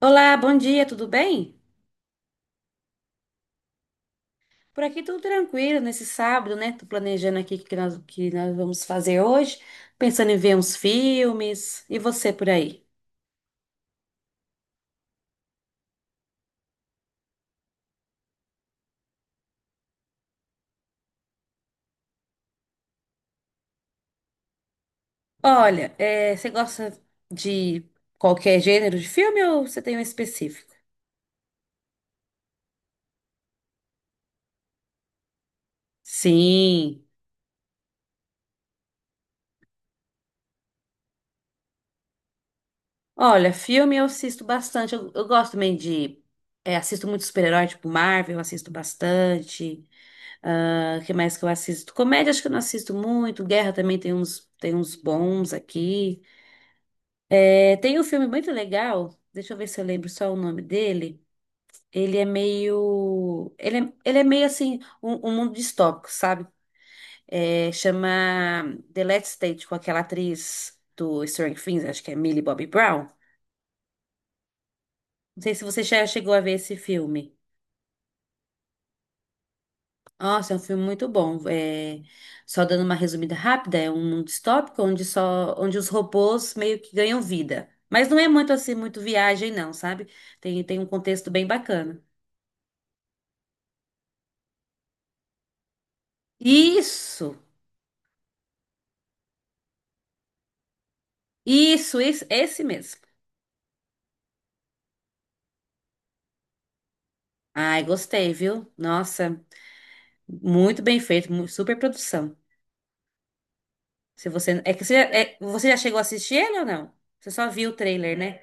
Olá, bom dia, tudo bem? Por aqui tudo tranquilo nesse sábado, né? Tô planejando aqui o que nós vamos fazer hoje, pensando em ver uns filmes. E você por aí? Olha, você gosta de qualquer gênero de filme ou você tem um específico? Sim. Olha, filme eu assisto bastante. Eu gosto também de. Assisto muito super-herói, tipo Marvel, eu assisto bastante. O que mais que eu assisto? Comédia, acho que eu não assisto muito. Guerra também tem uns bons aqui. É, tem um filme muito legal, deixa eu ver se eu lembro só o nome dele. Ele é meio. Ele é meio assim, um mundo distópico, sabe? É, chama The Last Stage, com aquela atriz do Stranger Things, acho que é Millie Bobby Brown. Não sei se você já chegou a ver esse filme. Nossa, é um filme muito bom. É, só dando uma resumida rápida, é um mundo distópico onde os robôs meio que ganham vida. Mas não é muito assim, muito viagem, não, sabe? Tem um contexto bem bacana. Isso! Isso, esse mesmo. Ai, gostei, viu? Nossa, muito bem feito, super produção. Se você, é que você, é- você já chegou a assistir ele ou não? Você só viu o trailer, né?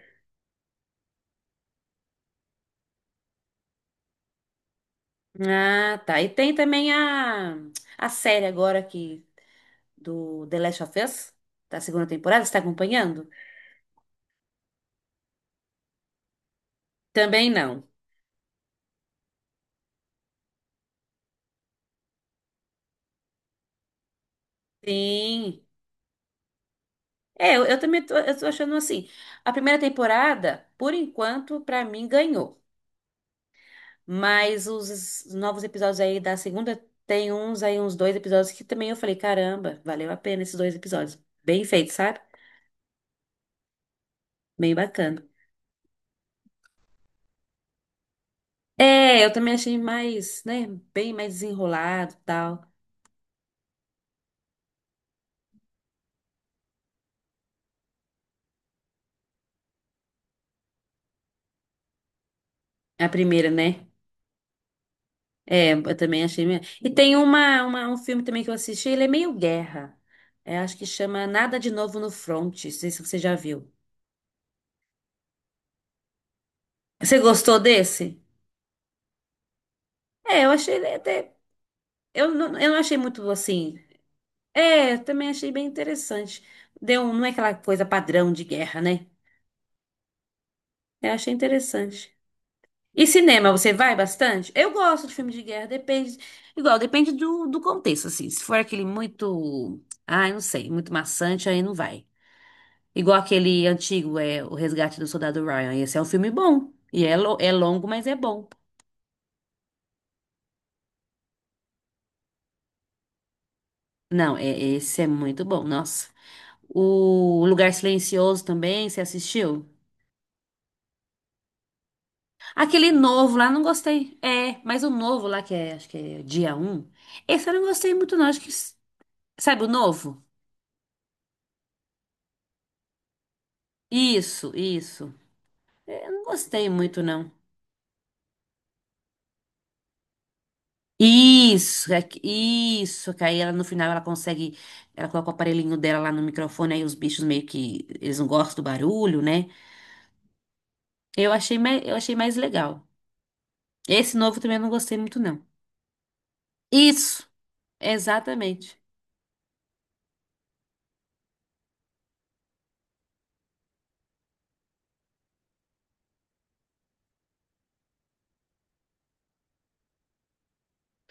Ah, tá. E tem também a série agora aqui do The Last of Us, da segunda temporada, você tá acompanhando? Também não. Sim. É, eu tô achando assim, a primeira temporada, por enquanto, pra mim, ganhou. Mas os novos episódios aí da segunda, tem uns dois episódios que também eu falei, caramba, valeu a pena esses dois episódios. Bem feito, sabe? Bem bacana. É, eu também achei mais, né, bem mais desenrolado e tal. A primeira, né? É, eu também achei. E tem um filme também que eu assisti, ele é meio guerra. É, acho que chama Nada de Novo no Front, não sei se você já viu. Você gostou desse? É, eu achei ele até. Eu não achei muito assim. É, também achei bem interessante. Deu, um, não é aquela coisa padrão de guerra, né? Eu achei interessante. E cinema, você vai bastante? Eu gosto de filme de guerra, depende. Igual, depende do contexto, assim. Se for aquele muito. Ah não sei, muito maçante, aí não vai. Igual aquele antigo, é O Resgate do Soldado Ryan. Esse é um filme bom. E é, é longo, mas é bom. Não, é, esse é muito bom, nossa. O Lugar Silencioso também, você assistiu? Aquele novo lá, não gostei. É, mas o novo lá, que é, acho que é dia um, esse eu não gostei muito, não. Acho que, sabe o novo? Isso. É, eu não gostei muito, não. Isso, isso. Que aí ela, no final, ela consegue, ela coloca o aparelhinho dela lá no microfone, aí os bichos meio que, eles não gostam do barulho, né? Eu achei, eu achei mais legal. Esse novo também eu não gostei muito, não. Isso, exatamente.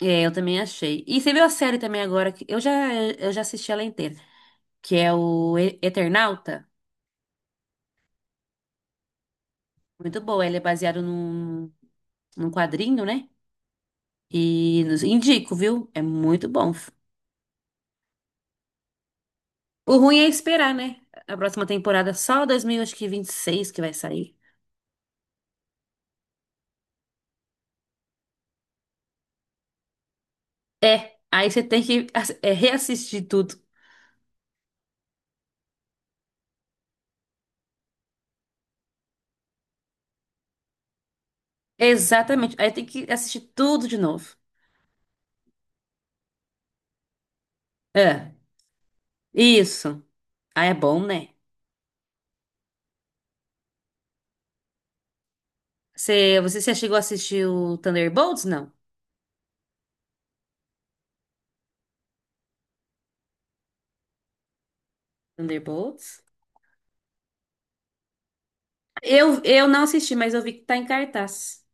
É, eu também achei. E você viu a série também agora? Que eu já, eu já assisti ela inteira. Que é o Eternauta. Muito boa, ele é baseado num quadrinho, né? E indico, viu? É muito bom. O ruim é esperar, né? A próxima temporada, só 2026 que vinte e seis que vai sair. É, aí você tem que reassistir tudo. Exatamente, aí tem que assistir tudo de novo. É, isso. Ah, é bom, né? Você chegou a assistir o Thunderbolts? Não. Thunderbolts? Eu não assisti, mas eu vi que tá em cartaz.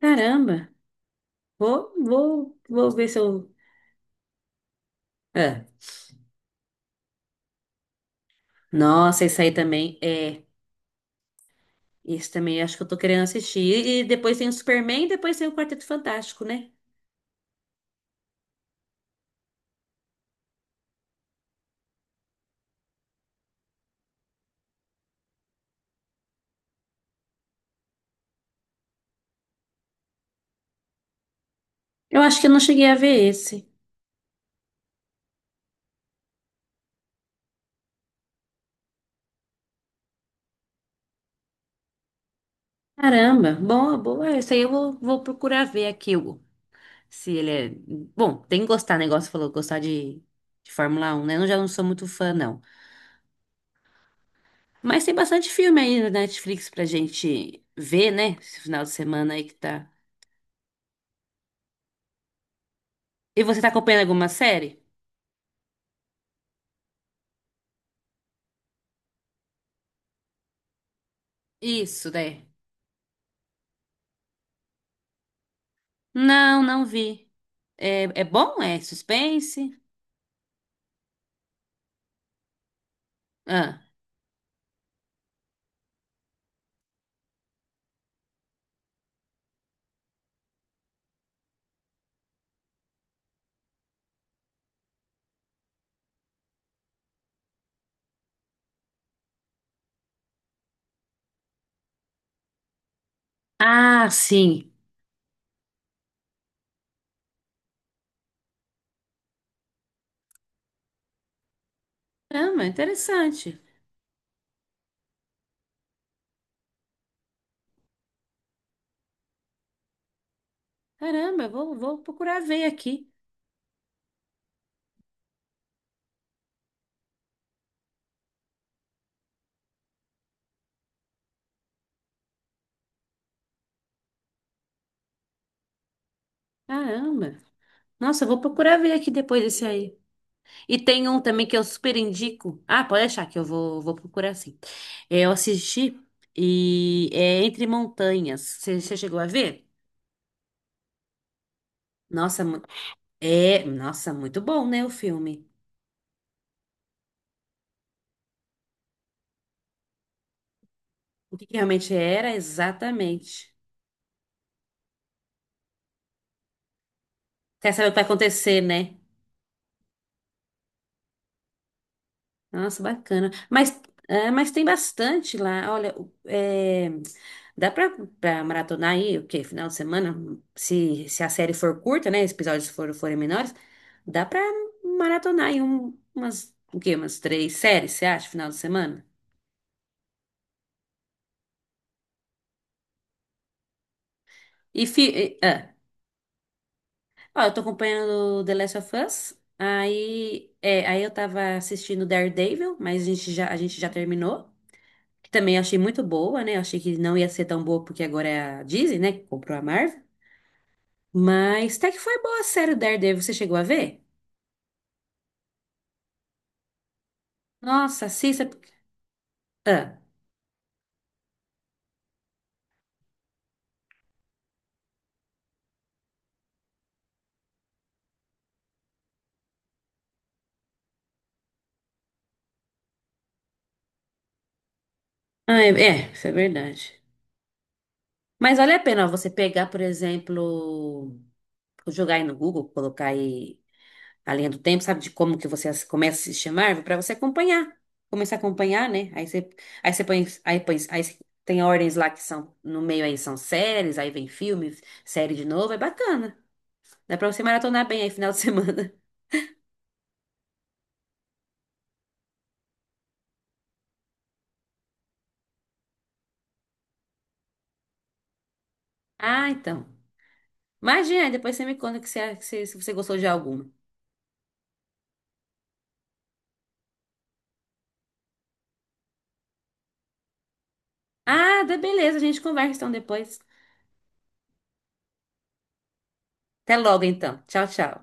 Caramba. Vou ver se eu. É. Nossa, isso aí também é. Isso também acho que eu tô querendo assistir. E depois tem o Superman, depois tem o Quarteto Fantástico, né? Eu acho que eu não cheguei a ver esse. Caramba, boa, boa. Isso aí eu vou procurar ver aqui, Hugo. Se ele é. Bom, tem que gostar, negócio falou, gostar de Fórmula Um, né? Eu já não sou muito fã, não. Mas tem bastante filme aí na Netflix pra gente ver, né? Esse final de semana aí que tá. E você tá acompanhando alguma série? Isso, né? Não, não vi. É, é bom? É suspense? Ah, ah, sim. Caramba, interessante. Caramba, vou procurar ver aqui. Caramba. Nossa, eu vou procurar ver aqui depois desse aí. E tem um também que eu super indico. Ah, pode achar que eu vou procurar sim. É, eu assisti e é Entre Montanhas. Você chegou a ver? Nossa, nossa, muito bom, né, o filme. O que que realmente era, exatamente. Quer saber o que vai acontecer, né? Nossa, bacana. Mas, é, mas tem bastante lá. Olha, dá pra, pra maratonar aí, o quê? Final de semana? Se a série for curta, né? Os episódios forem menores, dá pra maratonar aí o quê? Umas três séries, você acha, final de semana? E, fi, e- ah. Ó, eu tô acompanhando The Last of Us. Aí, é, aí eu tava assistindo Daredevil, mas a gente já terminou. Que também achei muito boa, né? Achei que não ia ser tão boa porque agora é a Disney, né, que comprou a Marvel. Mas até que foi boa a série do Daredevil, você chegou a ver? Nossa, assista. Ah, ah, é, é, isso é verdade. Mas vale a pena ó, você pegar, por exemplo, jogar aí no Google, colocar aí a linha do tempo, sabe, de como que você começa a se chamar para você acompanhar. Começar a acompanhar, né? Aí você põe, tem ordens lá que são, no meio aí são séries, aí vem filme, série de novo, é bacana. Dá pra você maratonar bem aí final de semana. Ah, então. Imagina, aí depois você me conta se você gostou de alguma. Ah, dá beleza, a gente conversa então depois. Até logo então. Tchau, tchau.